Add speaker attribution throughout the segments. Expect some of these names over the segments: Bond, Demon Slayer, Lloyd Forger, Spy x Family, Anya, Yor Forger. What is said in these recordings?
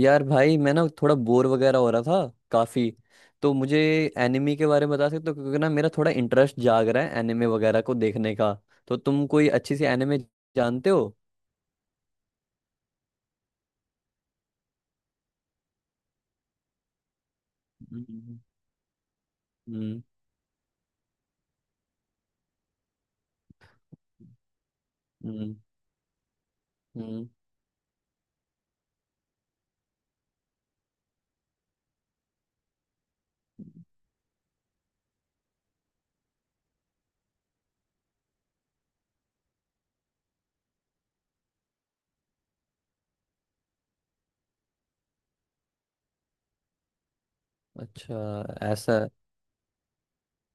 Speaker 1: यार भाई, मैं ना थोड़ा बोर वगैरह हो रहा था काफी। तो मुझे एनिमे के बारे में बता सकते हो, क्योंकि ना मेरा थोड़ा इंटरेस्ट जाग रहा है एनिमे वगैरह को देखने का। तो तुम कोई अच्छी सी एनिमे जानते हो? हम्म। हम्म। हम्म। हम्म। अच्छा। ऐसा।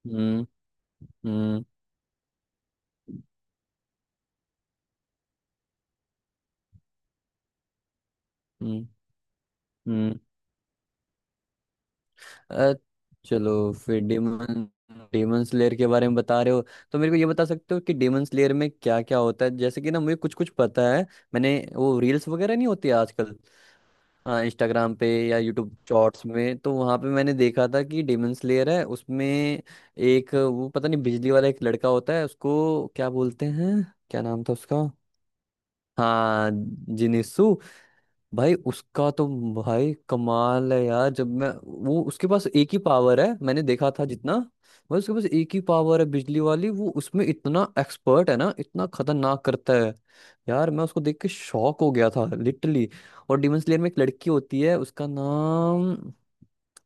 Speaker 1: हम्म। हम्म। हम्म। हम्म। अ, चलो, फिर डेमन डेमन स्लेयर के बारे में बता रहे हो। तो मेरे को ये बता सकते हो कि डेमन स्लेयर में क्या क्या होता है? जैसे कि ना मुझे कुछ कुछ पता है। मैंने वो रील्स वगैरह नहीं होती आजकल? हाँ, इंस्टाग्राम पे या यूट्यूब शॉर्ट्स में, तो वहां पे मैंने देखा था कि डेमन स्लेयर है, उसमें एक वो पता नहीं बिजली वाला एक लड़का होता है, उसको क्या बोलते हैं? क्या नाम था उसका? हाँ, जिनिसु। भाई उसका तो। भाई कमाल है यार। जब मैं। वो, उसके पास एक ही पावर है मैंने देखा था जितना। भाई उसके पास एक ही पावर है बिजली वाली, वो उसमें इतना एक्सपर्ट है ना, इतना खतरनाक करता है। यार मैं उसको देख के शॉक हो गया था लिटरली। और डिमन स्लेयर में एक लड़की होती है, उसका नाम।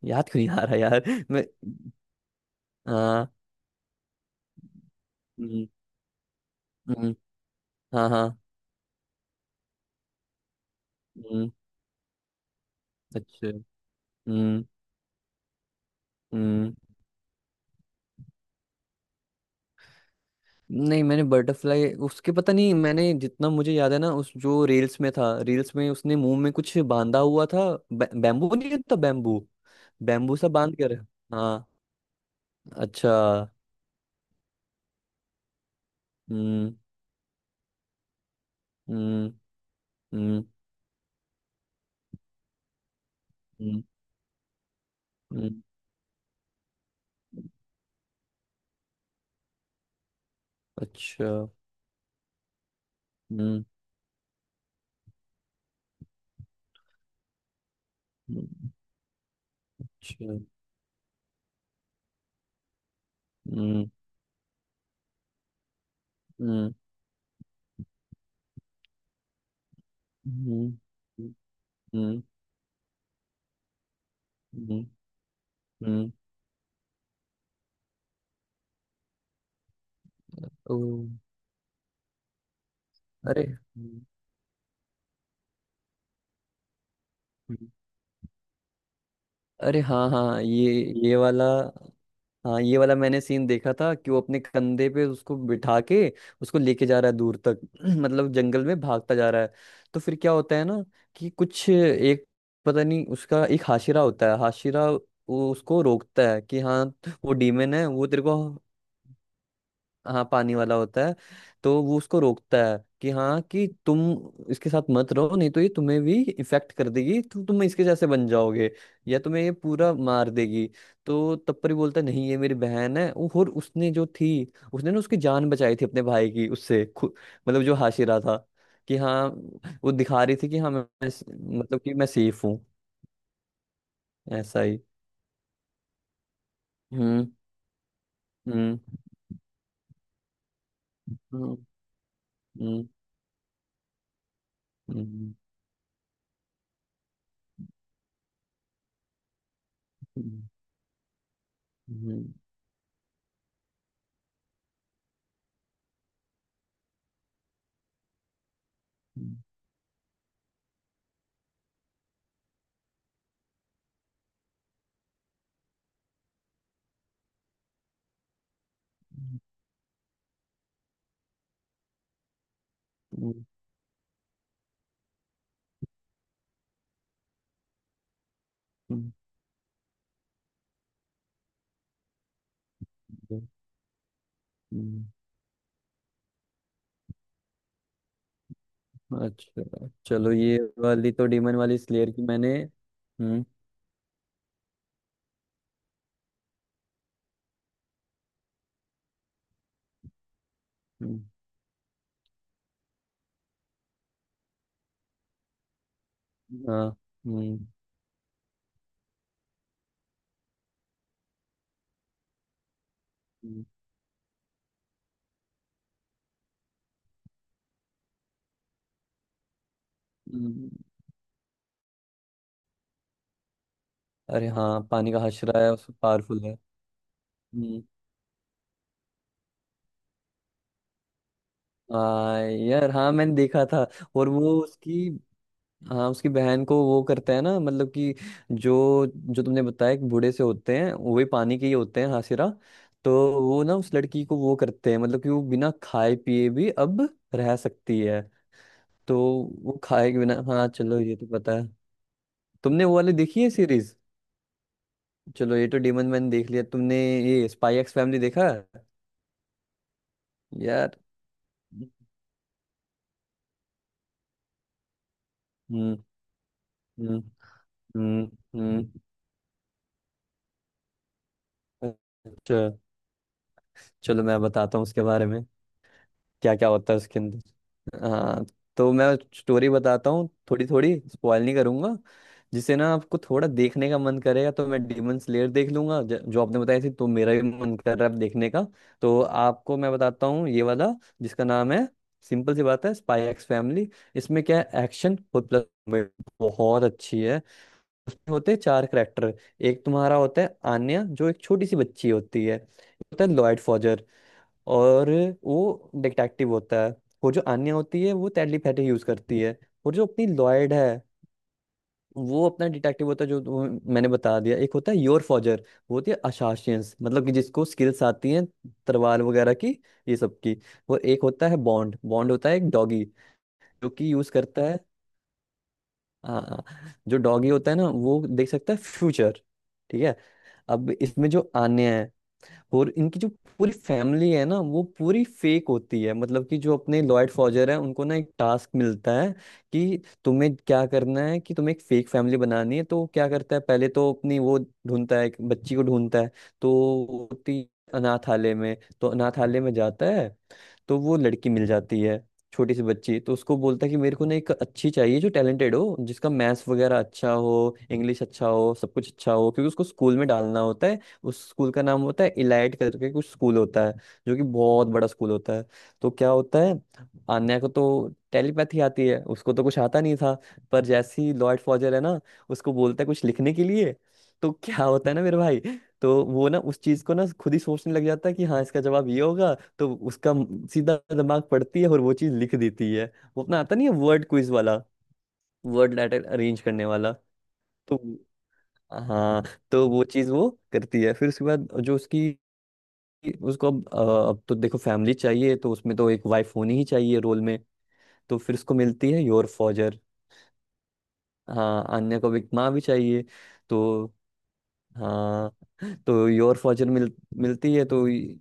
Speaker 1: याद क्यों नहीं आ रहा यार। मैं। हाँ। हम्म। हम्म। हाँ हाँ। हम्म। अच्छा। हम्म। हम्म। नहीं, मैंने बटरफ्लाई उसके पता नहीं, मैंने जितना मुझे याद है ना, उस जो रील्स में था, रील्स में उसने मुंह में कुछ बांधा हुआ था। बैम्बू नहीं होता बैम्बू? बैम्बू सा बांध कर। हाँ। अच्छा। हम्म। हम्म। हम्म। हम्म। हम्म। अच्छा। हम्म। हम्म। अच्छा। हम्म। हम्म। हम्म। हम्म। हम्म। हम्म। ओ, अरे। हम्म। अरे हाँ हाँ, ये वाला। हाँ ये वाला मैंने सीन देखा था कि वो अपने कंधे पे उसको बिठा के उसको लेके जा रहा है दूर तक। मतलब जंगल में भागता जा रहा है। तो फिर क्या होता है ना कि कुछ एक। पता नहीं उसका एक हाशिरा होता है, हाशिरा वो उसको रोकता है कि हाँ वो डीमन है, वो तेरे को। हाँ, पानी वाला होता है। तो वो उसको रोकता है कि हाँ कि तुम इसके साथ मत रहो, नहीं तो ये तुम्हें भी इफेक्ट कर देगी, तो तुम इसके जैसे बन जाओगे या तुम्हें ये पूरा मार देगी। तो तब पर ही बोलता है, नहीं, ये मेरी बहन है। और उसने जो थी उसने ना उसकी जान बचाई थी अपने भाई की, उससे मतलब जो हाशिरा था कि हाँ वो दिखा रही थी कि हाँ मैं मतलब कि मैं सेफ हूँ। ऐसा ही। हम्म। हम्म। हम्म। हम्म। हम्म। हम्म। हम्म। हम्म। हम्म। हम्म। हम्म। अच्छा। चलो, ये वाली तो डीमन वाली स्लेयर की मैंने। हम्म। हम्म। हाँ। हम्म। हम्म। हम्म। अरे हाँ, पानी का हशरा है, उसमें पावरफुल है। हम्म। हाँ यार, हाँ मैंने देखा था। और वो उसकी। हाँ उसकी बहन को वो करता है ना, मतलब कि जो जो तुमने बताया कि बूढ़े से होते हैं वो भी पानी के ही होते हैं, हाशिरा। तो वो ना उस लड़की को वो करते हैं, मतलब कि वो बिना खाए पिए भी अब रह सकती है। तो वो खाए के बिना, हाँ, चलो ये तो पता है। तुमने वो वाली देखी है सीरीज? चलो ये तो डेमन मैन देख लिया तुमने, ये स्पाई एक्स फैमिली देखा है? यार। हम्म। हम्म। हम्म। हम्म। अच्छा। चलो, मैं बताता हूँ उसके बारे में, क्या क्या होता है उसके अंदर। हाँ। तो मैं स्टोरी बताता हूँ थोड़ी थोड़ी, स्पॉइल नहीं करूंगा, जिससे ना आपको थोड़ा देखने का मन करेगा। तो मैं डेमन स्लेयर देख लूंगा जो आपने बताया थी, तो मेरा भी मन कर रहा है अब देखने का। तो आपको मैं बताता हूँ ये वाला, जिसका नाम है। सिंपल सी बात है, स्पाई एक्स फैमिली। इसमें क्या है, एक्शन और प्लस बहुत अच्छी है। उसमें होते हैं चार करेक्टर। एक तुम्हारा होता है आन्या जो एक छोटी सी बच्ची होती है, होता है लॉयड फॉजर, और वो डिटेक्टिव होता है। वो जो आन्या होती है वो टेलीपैथी यूज करती है। और जो अपनी लॉयड है, वो अपना डिटेक्टिव होता है, जो वो। मैंने बता दिया। एक होता है योर फॉजर, वो होती है असासियंस, मतलब कि जिसको स्किल्स आती हैं तलवार वगैरह की, ये सब की। और एक होता है बॉन्ड, बॉन्ड होता है एक डॉगी जो कि यूज करता है। हाँ हाँ, जो डॉगी होता है ना वो देख सकता है फ्यूचर। ठीक है। अब इसमें जो आन्या है और इनकी जो पूरी फैमिली है ना, वो पूरी फेक होती है। मतलब कि जो अपने लॉयड फॉजर है उनको ना एक टास्क मिलता है कि तुम्हें क्या करना है, कि तुम्हें एक फेक फैमिली बनानी है। तो वो क्या करता है, पहले तो अपनी वो ढूंढता है, एक बच्ची को ढूंढता है। तो वो होती अनाथालय में, तो अनाथालय में जाता है, तो वो लड़की मिल जाती है, छोटी सी बच्ची। तो उसको बोलता है कि मेरे को ना एक अच्छी चाहिए जो टैलेंटेड हो, जिसका मैथ्स वगैरह अच्छा हो, इंग्लिश अच्छा हो, सब कुछ अच्छा हो, क्योंकि उसको स्कूल में डालना होता है। उस स्कूल का नाम होता है इलाइट करके कुछ स्कूल होता है, जो कि बहुत बड़ा स्कूल होता है। तो क्या होता है, आन्या को तो टेलीपैथी आती है, उसको तो कुछ आता नहीं था, पर जैसे ही लॉर्ड फॉजर है ना उसको बोलता है कुछ लिखने के लिए, तो क्या होता है ना मेरे भाई, तो वो ना उस चीज को ना खुद ही सोचने लग जाता है कि हाँ, इसका जवाब ये होगा, तो उसका सीधा दिमाग पड़ती है और वो चीज लिख देती है। वो अपना आता नहीं है वर्ड क्विज वाला, वर्ड लेटर अरेंज करने वाला। तो। हाँ। तो वो चीज वो करती है। फिर उसके बाद जो उसकी। उसको अब अब तो देखो फैमिली चाहिए, तो उसमें तो एक वाइफ होनी ही चाहिए रोल में। तो फिर उसको मिलती है योर फॉजर। हाँ, अन्य को एक माँ भी चाहिए। तो, हाँ, तो योर फॉजर मिल। मिलती है, तो ये।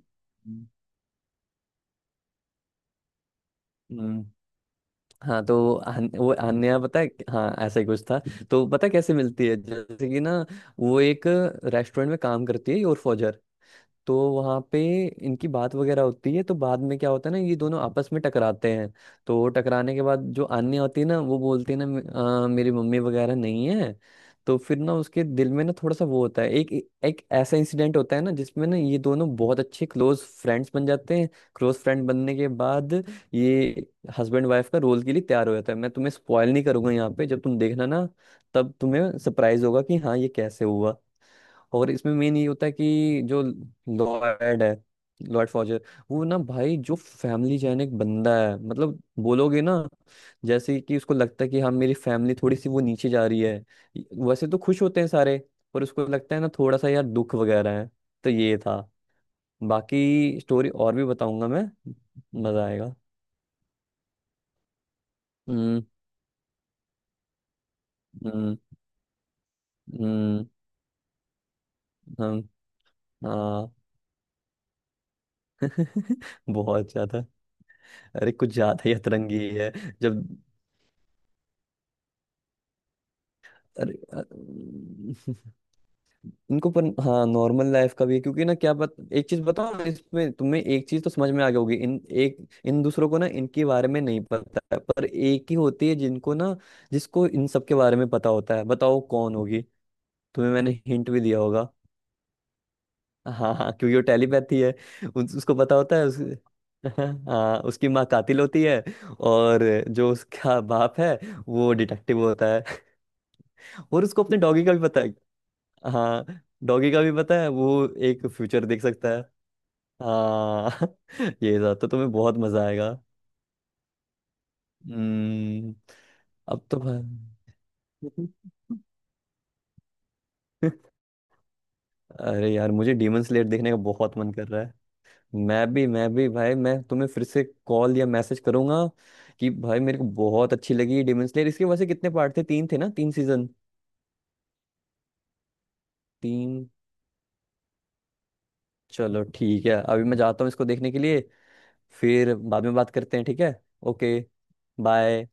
Speaker 1: हम्म। हाँ, तो वो अन्य पता है, हाँ ऐसा ही कुछ था। तो पता है कैसे मिलती है, जैसे कि ना वो एक रेस्टोरेंट में काम करती है, योर फौजर। तो वहाँ पे इनकी बात वगैरह होती है, तो बाद में क्या होता है ना, ये दोनों आपस में टकराते हैं। तो टकराने के बाद जो आन्या होती है ना, वो बोलती है ना, मेरी मम्मी वगैरह नहीं है"। तो फिर ना उसके दिल में ना थोड़ा सा वो होता है, एक एक ऐसा इंसिडेंट होता है ना जिसमें ना ये दोनों बहुत अच्छे क्लोज फ्रेंड्स बन जाते हैं। क्लोज फ्रेंड बनने के बाद ये हस्बैंड वाइफ का रोल के लिए तैयार हो जाता है। मैं तुम्हें स्पॉयल नहीं करूंगा, यहाँ पे जब तुम देखना ना, तब तुम्हें सरप्राइज होगा कि हाँ ये कैसे हुआ। और इसमें मेन ये होता है कि जो लॉयड है, लॉयड फॉजर, वो ना भाई जो फैमिली जैन एक बंदा है मतलब बोलोगे ना, जैसे कि उसको लगता है कि हाँ मेरी फैमिली थोड़ी सी वो नीचे जा रही है। वैसे तो खुश होते हैं सारे, पर उसको लगता है ना थोड़ा सा यार दुख वगैरह है। तो ये था। बाकी स्टोरी और भी बताऊंगा मैं। मजा आएगा। हम्म। हम्म। हम्म। हम। हाँ। बहुत ज्यादा। अरे कुछ ज्यादा ही अतरंगी है। जब। अरे इनको पर हाँ नॉर्मल लाइफ का भी है, क्योंकि ना क्या बात। एक चीज बताओ ना, इसमें तुम्हें एक चीज तो समझ में आ गई होगी। इन दूसरों को ना इनके बारे में नहीं पता है, पर एक ही होती है जिनको ना जिसको इन सब के बारे में पता होता है, बताओ कौन होगी? तुम्हें मैंने हिंट भी दिया होगा। हाँ हाँ, क्योंकि वो टेलीपैथी है। उसको पता होता है हाँ उसकी माँ कातिल होती है, और जो उसका बाप है वो डिटेक्टिव होता है, और उसको अपने डॉगी का भी पता है। हाँ, डॉगी का भी पता है, वो एक फ्यूचर देख सकता है। हाँ। ये था, तो तुम्हें बहुत मजा आएगा। हम्म। अब तो भाई। अरे यार, मुझे डीमन स्लेयर देखने का बहुत मन कर रहा है। मैं भी भाई, मैं तुम्हें फिर से कॉल या मैसेज करूंगा कि भाई मेरे को बहुत अच्छी लगी डीमन स्लेयर। इसके वैसे कितने पार्ट थे? तीन थे ना, 3 सीजन? तीन। चलो ठीक है, अभी मैं जाता हूँ इसको देखने के लिए, फिर बाद में बात करते हैं, ठीक है? Okay, bye.